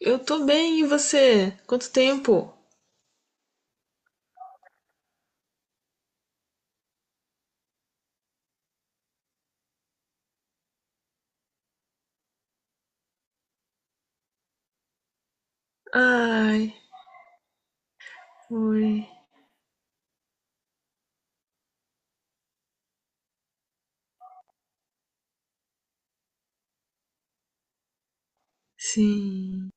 Eu tô bem, e você? Quanto tempo? Ai, foi. Sim,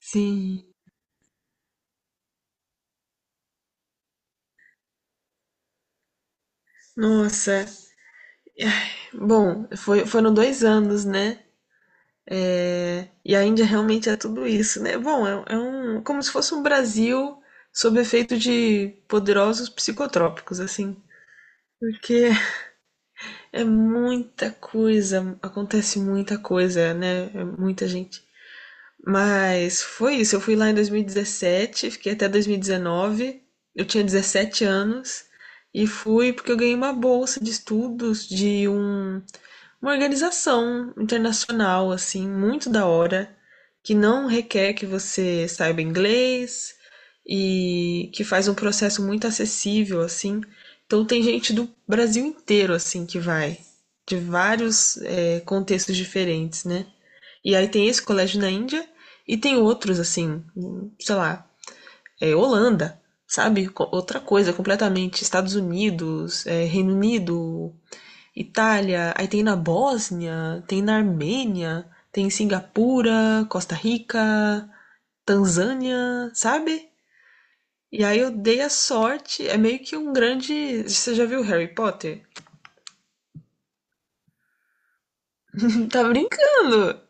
sim. Nossa. Ai, bom, foi, foram dois anos, né? É, e a Índia realmente é tudo isso, né? Bom, é um, como se fosse um Brasil sob efeito de poderosos psicotrópicos, assim. Porque é muita coisa, acontece muita coisa, né? É muita gente. Mas foi isso. Eu fui lá em 2017, fiquei até 2019. Eu tinha 17 anos e fui porque eu ganhei uma bolsa de estudos de uma organização internacional, assim, muito da hora, que não requer que você saiba inglês e que faz um processo muito acessível, assim. Então tem gente do Brasil inteiro, assim, que vai, de vários, contextos diferentes, né? E aí tem esse colégio na Índia e tem outros, assim, sei lá, é, Holanda, sabe? Outra coisa completamente. Estados Unidos, é, Reino Unido, Itália, aí tem na Bósnia, tem na Armênia, tem em Singapura, Costa Rica, Tanzânia, sabe? E aí eu dei a sorte, é meio que um grande. Você já viu Harry Potter? Tá brincando?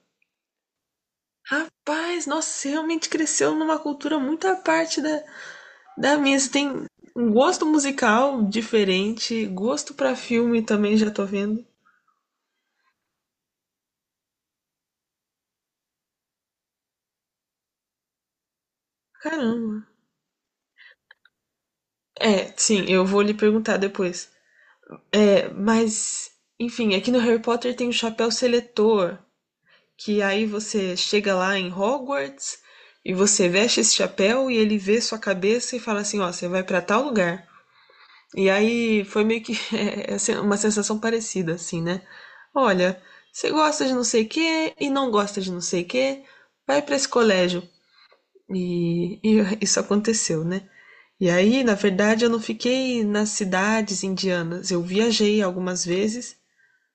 Rapaz, nossa, você realmente cresceu numa cultura muito à parte da, Davi, você tem um gosto musical diferente, gosto pra filme também já tô vendo. Caramba. É, sim, eu vou lhe perguntar depois. É, mas, enfim, aqui no Harry Potter tem o chapéu seletor, que aí você chega lá em Hogwarts e você veste esse chapéu e ele vê sua cabeça e fala assim, ó, você vai pra tal lugar. E aí foi meio que é, assim, uma sensação parecida, assim, né? Olha, você gosta de não sei o quê e não gosta de não sei o quê, vai para esse colégio. E isso aconteceu, né? E aí, na verdade, eu não fiquei nas cidades indianas. Eu viajei algumas vezes,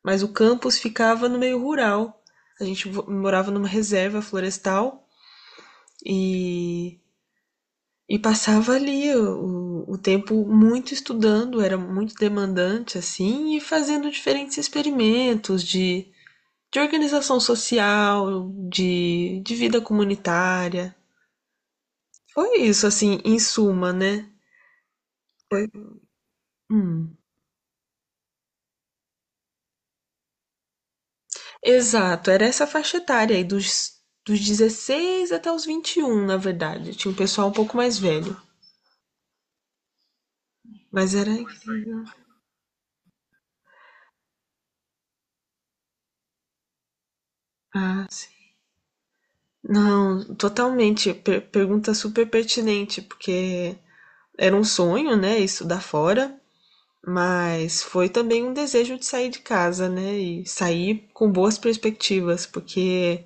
mas o campus ficava no meio rural. A gente morava numa reserva florestal e e passava ali o tempo muito estudando, era muito demandante, assim, e fazendo diferentes experimentos de organização social, de vida comunitária. Foi isso, assim, em suma, né? Foi. Hum. Exato, era essa faixa etária aí, dos 16 até os 21, na verdade. Tinha um pessoal um pouco mais velho. Mas era incrível. Ah, sim. Não, totalmente. Pergunta super pertinente, porque era um sonho, né, estudar fora, mas foi também um desejo de sair de casa, né, e sair com boas perspectivas, porque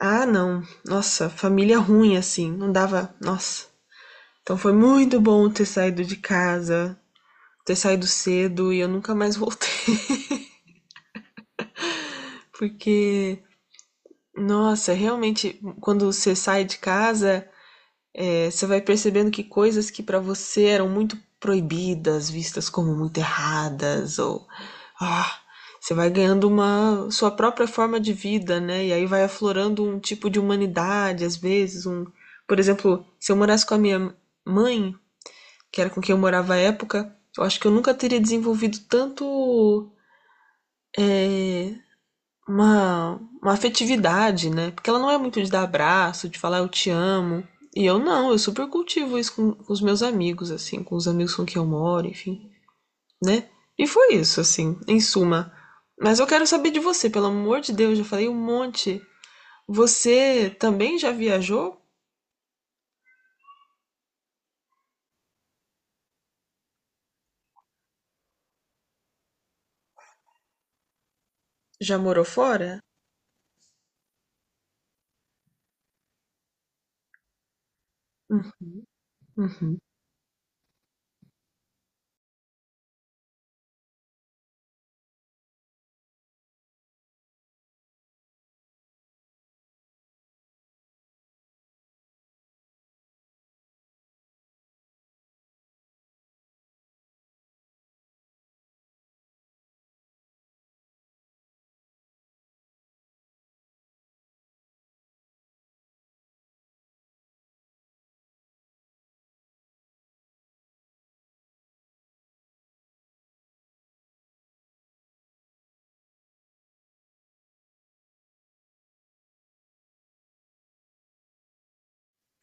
ah, não, nossa, família ruim assim, não dava, nossa. Então foi muito bom ter saído de casa, ter saído cedo e eu nunca mais voltei, porque nossa, realmente quando você sai de casa, é, você vai percebendo que coisas que para você eram muito proibidas, vistas como muito erradas, ou ah, você vai ganhando uma sua própria forma de vida, né? E aí vai aflorando um tipo de humanidade, às vezes, um, por exemplo, se eu morasse com a minha mãe, que era com quem eu morava à época, eu acho que eu nunca teria desenvolvido tanto é, uma, uma afetividade, né? Porque ela não é muito de dar abraço, de falar eu te amo. E eu não, eu super cultivo isso com os meus amigos, assim, com os amigos com quem eu moro, enfim, né? E foi isso, assim, em suma. Mas eu quero saber de você, pelo amor de Deus, já falei um monte. Você também já viajou? Já morou fora? Hum. Uhum.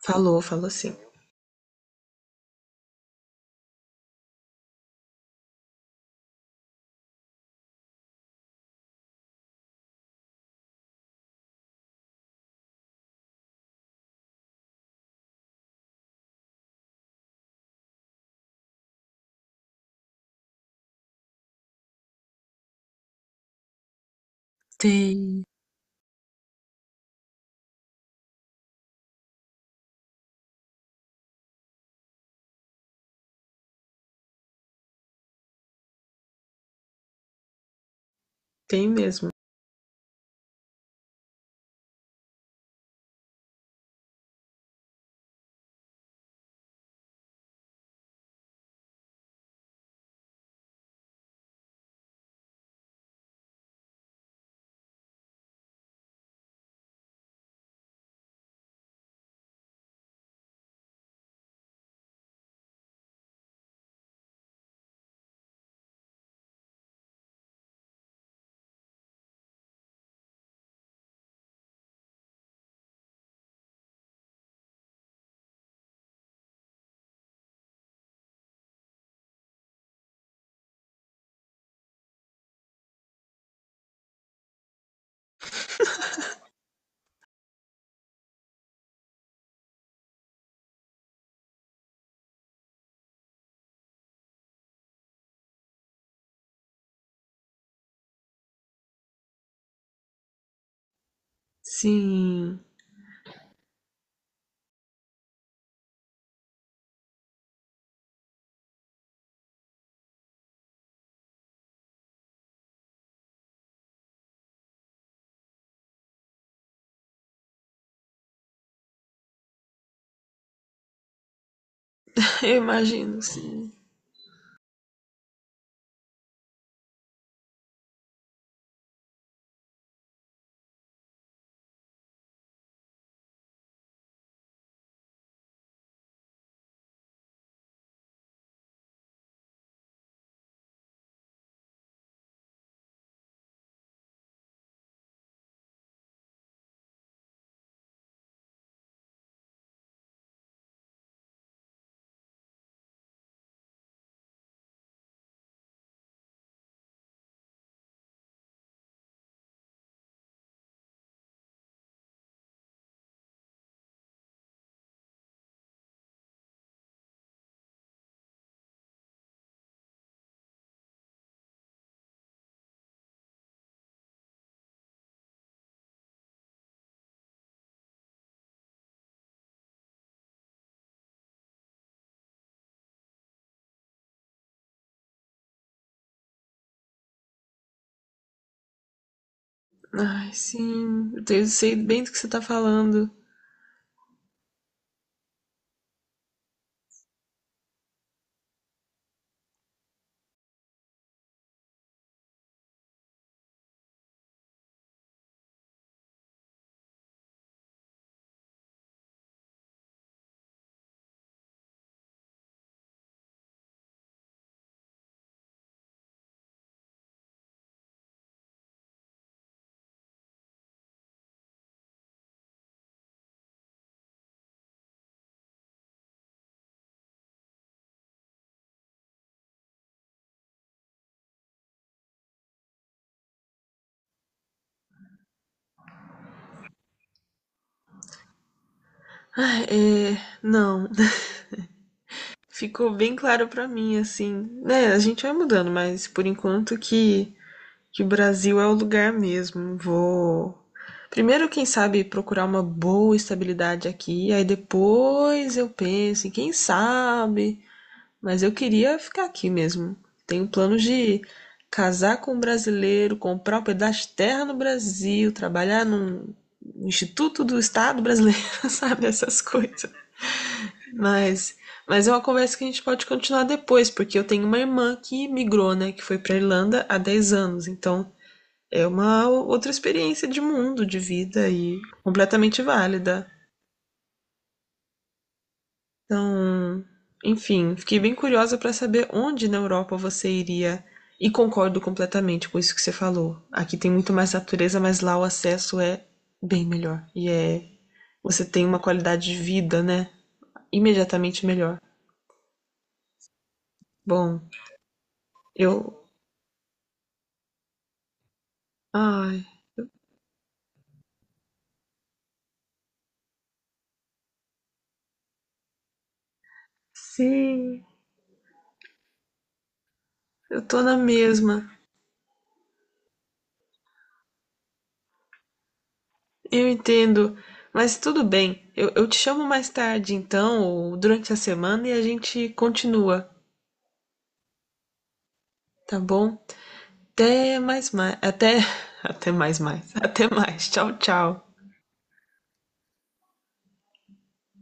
Falou, falou sim. Tem, tem mesmo. Sim, eu imagino, sim. Ai, sim, sei bem do que você tá falando. É, não. Ficou bem claro pra mim, assim. Né, a gente vai mudando, mas por enquanto que o Brasil é o lugar mesmo. Vou. Primeiro, quem sabe, procurar uma boa estabilidade aqui, aí depois eu penso em quem sabe. Mas eu queria ficar aqui mesmo. Tenho planos de casar com um brasileiro, comprar um pedaço de terra no Brasil, trabalhar num Instituto do Estado brasileiro, sabe? Essas coisas. Mas, mas é uma conversa que a gente pode continuar depois, porque eu tenho uma irmã que migrou, né, que foi para Irlanda há 10 anos, então é uma outra experiência de mundo, de vida e completamente válida. Então, enfim, fiquei bem curiosa para saber onde na Europa você iria e concordo completamente com isso que você falou. Aqui tem muito mais natureza, mas lá o acesso é bem melhor e é você tem uma qualidade de vida, né, imediatamente melhor. Bom, eu ai, sim, eu tô na mesma. Eu entendo. Mas tudo bem. Eu te chamo mais tarde, então, ou durante a semana, e a gente continua, tá bom? Até mais mais. Até. Até mais mais. Até mais. Tchau, tchau.